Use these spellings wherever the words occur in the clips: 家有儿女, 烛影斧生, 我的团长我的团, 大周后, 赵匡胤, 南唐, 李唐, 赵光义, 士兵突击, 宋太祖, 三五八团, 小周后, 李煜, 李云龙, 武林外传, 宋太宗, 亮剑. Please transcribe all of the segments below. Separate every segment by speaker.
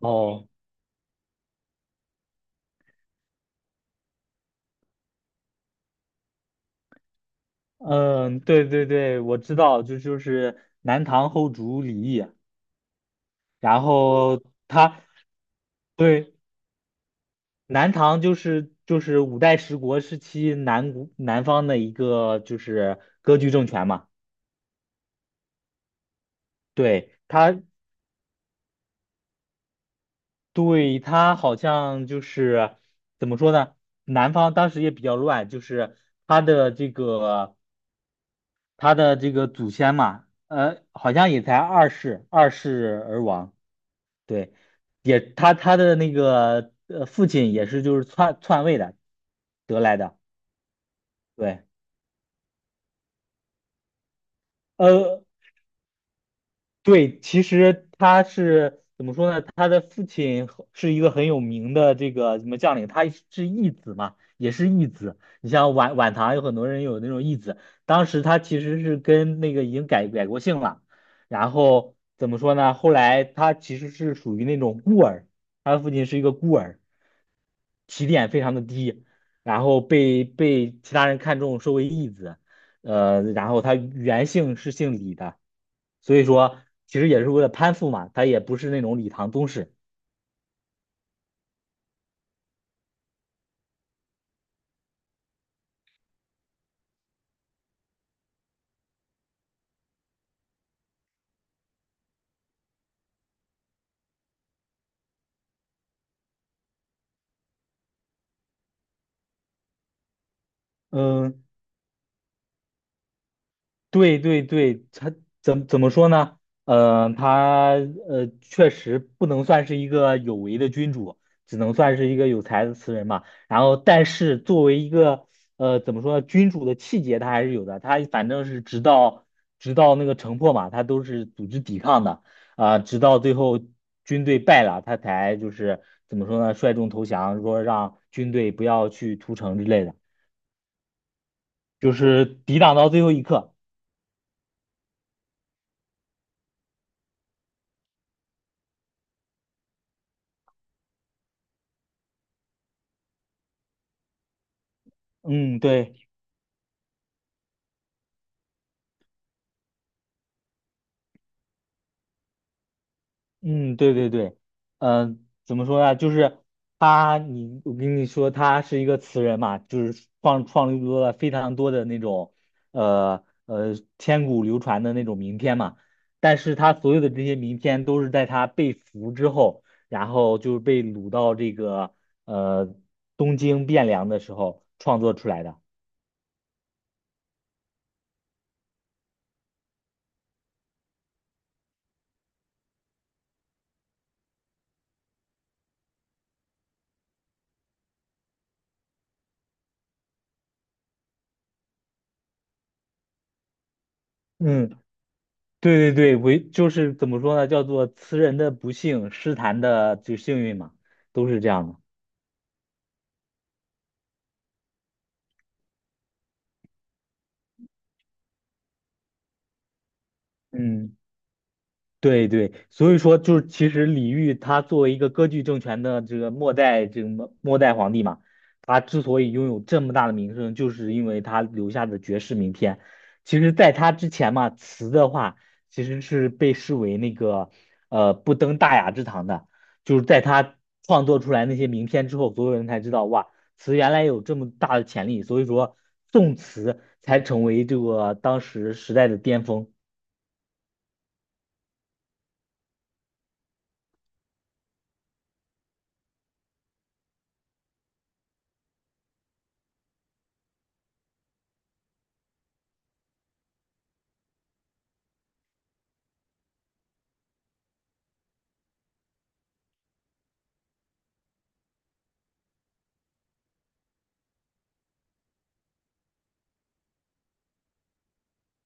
Speaker 1: 哦，嗯，对对对，我知道，就是南唐后主李毅。然后他对南唐就是五代十国时期南国南方的一个就是割据政权嘛。对他对他好像就是怎么说呢？南方当时也比较乱，就是他的这个他的这个祖先嘛，好像也才二世而亡。对，也他的那个父亲也是就是篡位的得来的。对，呃对，其实他是怎么说呢？他的父亲和是一个很有名的这个什么将领，他是义子嘛，也是义子。你像晚唐有很多人有那种义子。当时他其实是跟那个已经改过姓了。然后怎么说呢？后来他其实是属于那种孤儿，他的父亲是一个孤儿，起点非常的低，然后被其他人看中，收为义子，然后他原姓是姓李的。所以说其实也是为了攀附嘛，他也不是那种李唐宗室。嗯，对对对，他怎怎么说呢？他确实不能算是一个有为的君主，只能算是一个有才的词人嘛。然后，但是作为一个呃怎么说呢，君主的气节他还是有的。他反正是直到那个城破嘛，他都是组织抵抗的。直到最后军队败了，他才就是怎么说呢，率众投降，说让军队不要去屠城之类的，就是抵挡到最后一刻。嗯，对。嗯，对对对。嗯、怎么说呢？就是他，你我跟你说，他是一个词人嘛，就是创立出了非常多的那种，千古流传的那种名篇嘛。但是他所有的这些名篇都是在他被俘之后，然后就是被掳到这个呃东京汴梁的时候创作出来的。嗯，对对对，为就是怎么说呢？叫做词人的不幸，诗坛的就幸运嘛，都是这样的。嗯。对对，所以说就是其实李煜他作为一个割据政权的这个末代这个末代皇帝嘛，他之所以拥有这么大的名声，就是因为他留下的绝世名篇。其实，在他之前嘛，词的话其实是被视为那个不登大雅之堂的。就是在他创作出来那些名篇之后，所有人才知道哇，词原来有这么大的潜力，所以说宋词才成为这个当时时代的巅峰。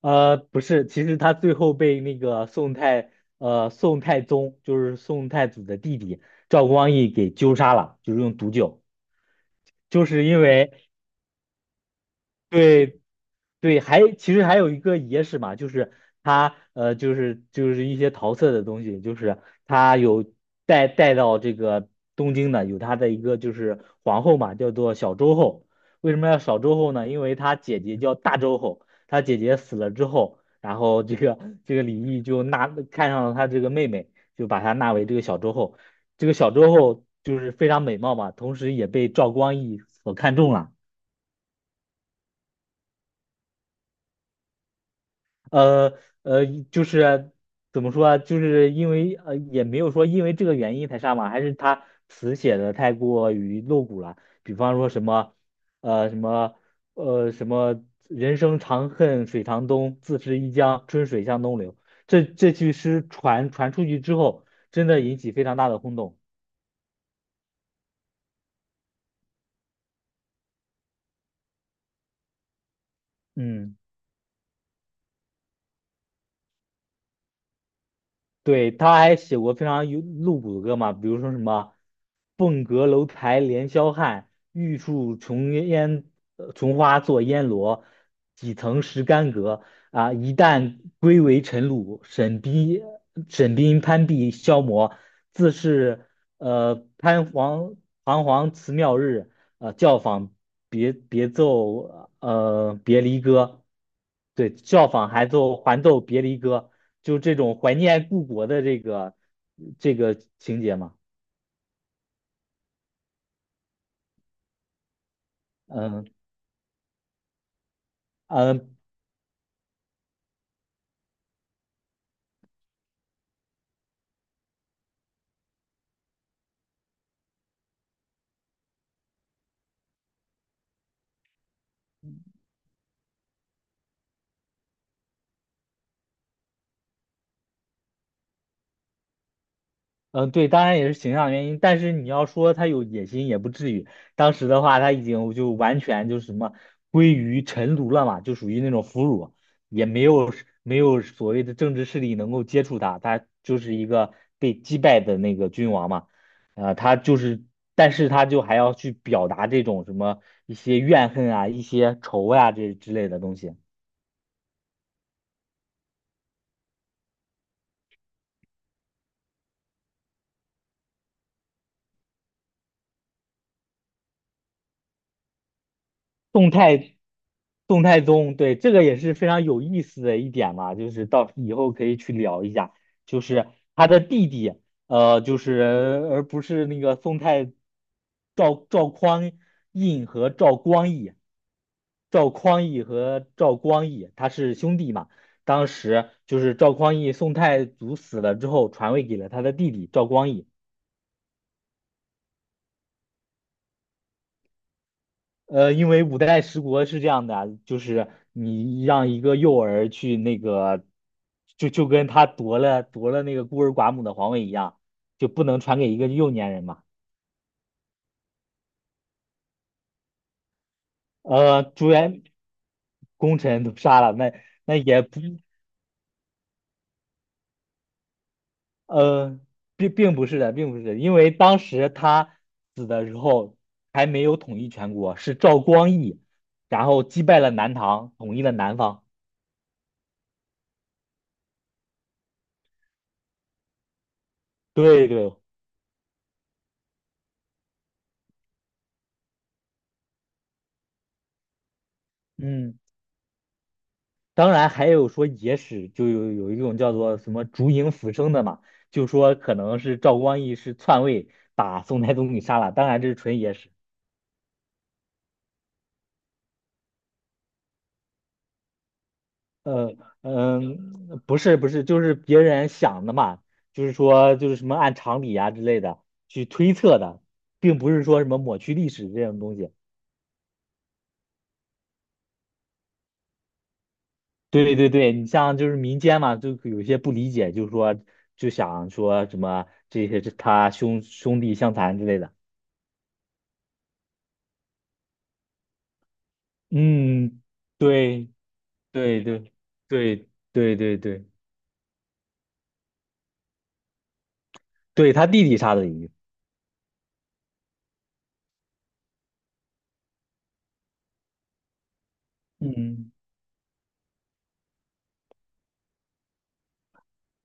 Speaker 1: 不是，其实他最后被那个宋太宗就是宋太祖的弟弟赵光义给纠杀了，就是用毒酒，就是因为对对，还其实还有一个野史嘛，就是他就是一些桃色的东西，就是他有带到这个东京的，有他的一个就是皇后嘛，叫做小周后。为什么要小周后呢？因为他姐姐叫大周后，他姐姐死了之后，然后这个李毅就纳看上了他这个妹妹，就把她纳为这个小周后。这个小周后就是非常美貌嘛，同时也被赵光义所看中了。呃呃，就是怎么说啊，就是因为也没有说因为这个原因才杀嘛，还是他词写的太过于露骨了。比方说什么，呃，什么，呃，什么，人生长恨水长东，自是一江春水向东流。这句诗传出去之后，真的引起非常大的轰动。嗯。对，他还写过非常有露骨的歌嘛，比如说什么“凤阁楼台连霄汉，玉树琼烟琼花作烟萝，几曾识干戈啊！一旦归为尘土，沈冰攀壁消磨，自是呃攀黄彷徨辞庙日。教坊别离歌。对，教坊还奏别离歌，就这种怀念故国的这个情节嘛。嗯嗯，嗯，对，当然也是形象原因，但是你要说他有野心也不至于。当时的话，他已经就完全就是什么归于臣奴了嘛，就属于那种俘虏，也没有所谓的政治势力能够接触他，他就是一个被击败的那个君王嘛。他就是，但是他就还要去表达这种什么一些怨恨啊、一些仇呀、这之类的东西。动态动态宗，对，这个也是非常有意思的一点嘛，就是到以后可以去聊一下，就是他的弟弟，就是而不是那个宋太赵赵匡胤和赵光义，赵匡胤和赵光义他是兄弟嘛。当时就是赵匡胤宋太祖死了之后传位给了他的弟弟赵光义。因为五代十国是这样的啊，就是你让一个幼儿去那个，就跟他夺了那个孤儿寡母的皇位一样，就不能传给一个幼年人嘛。呃，朱元功臣都杀了，那那也不，呃，并不是的，并不是的，因为当时他死的时候还没有统一全国，是赵光义，然后击败了南唐，统一了南方。对对，嗯。当然还有说野史，就有一种叫做什么烛影斧生”的嘛，就说可能是赵光义是篡位把宋太宗给杀了，当然这是纯野史。呃嗯，不是，就是别人想的嘛，就是说就是什么按常理啊之类的去推测的，并不是说什么抹去历史这种东西。对对对，你像就是民间嘛，就有些不理解，就是说就想说什么这些是他兄弟相残之类的。嗯，对。对 对，对对对对。对他弟弟杀的鱼。嗯，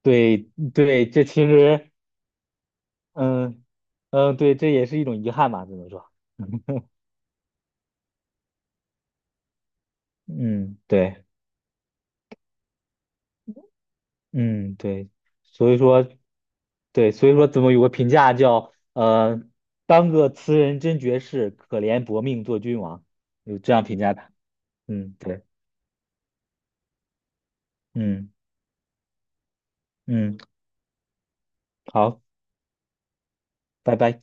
Speaker 1: 对对，这其实，嗯嗯，对，这也是一种遗憾吧，只能说。嗯，对。嗯，对，所以说，对，所以说怎么有个评价叫，当个词人真绝世，可怜薄命做君王，有这样评价他。嗯，对。嗯嗯，好，拜拜。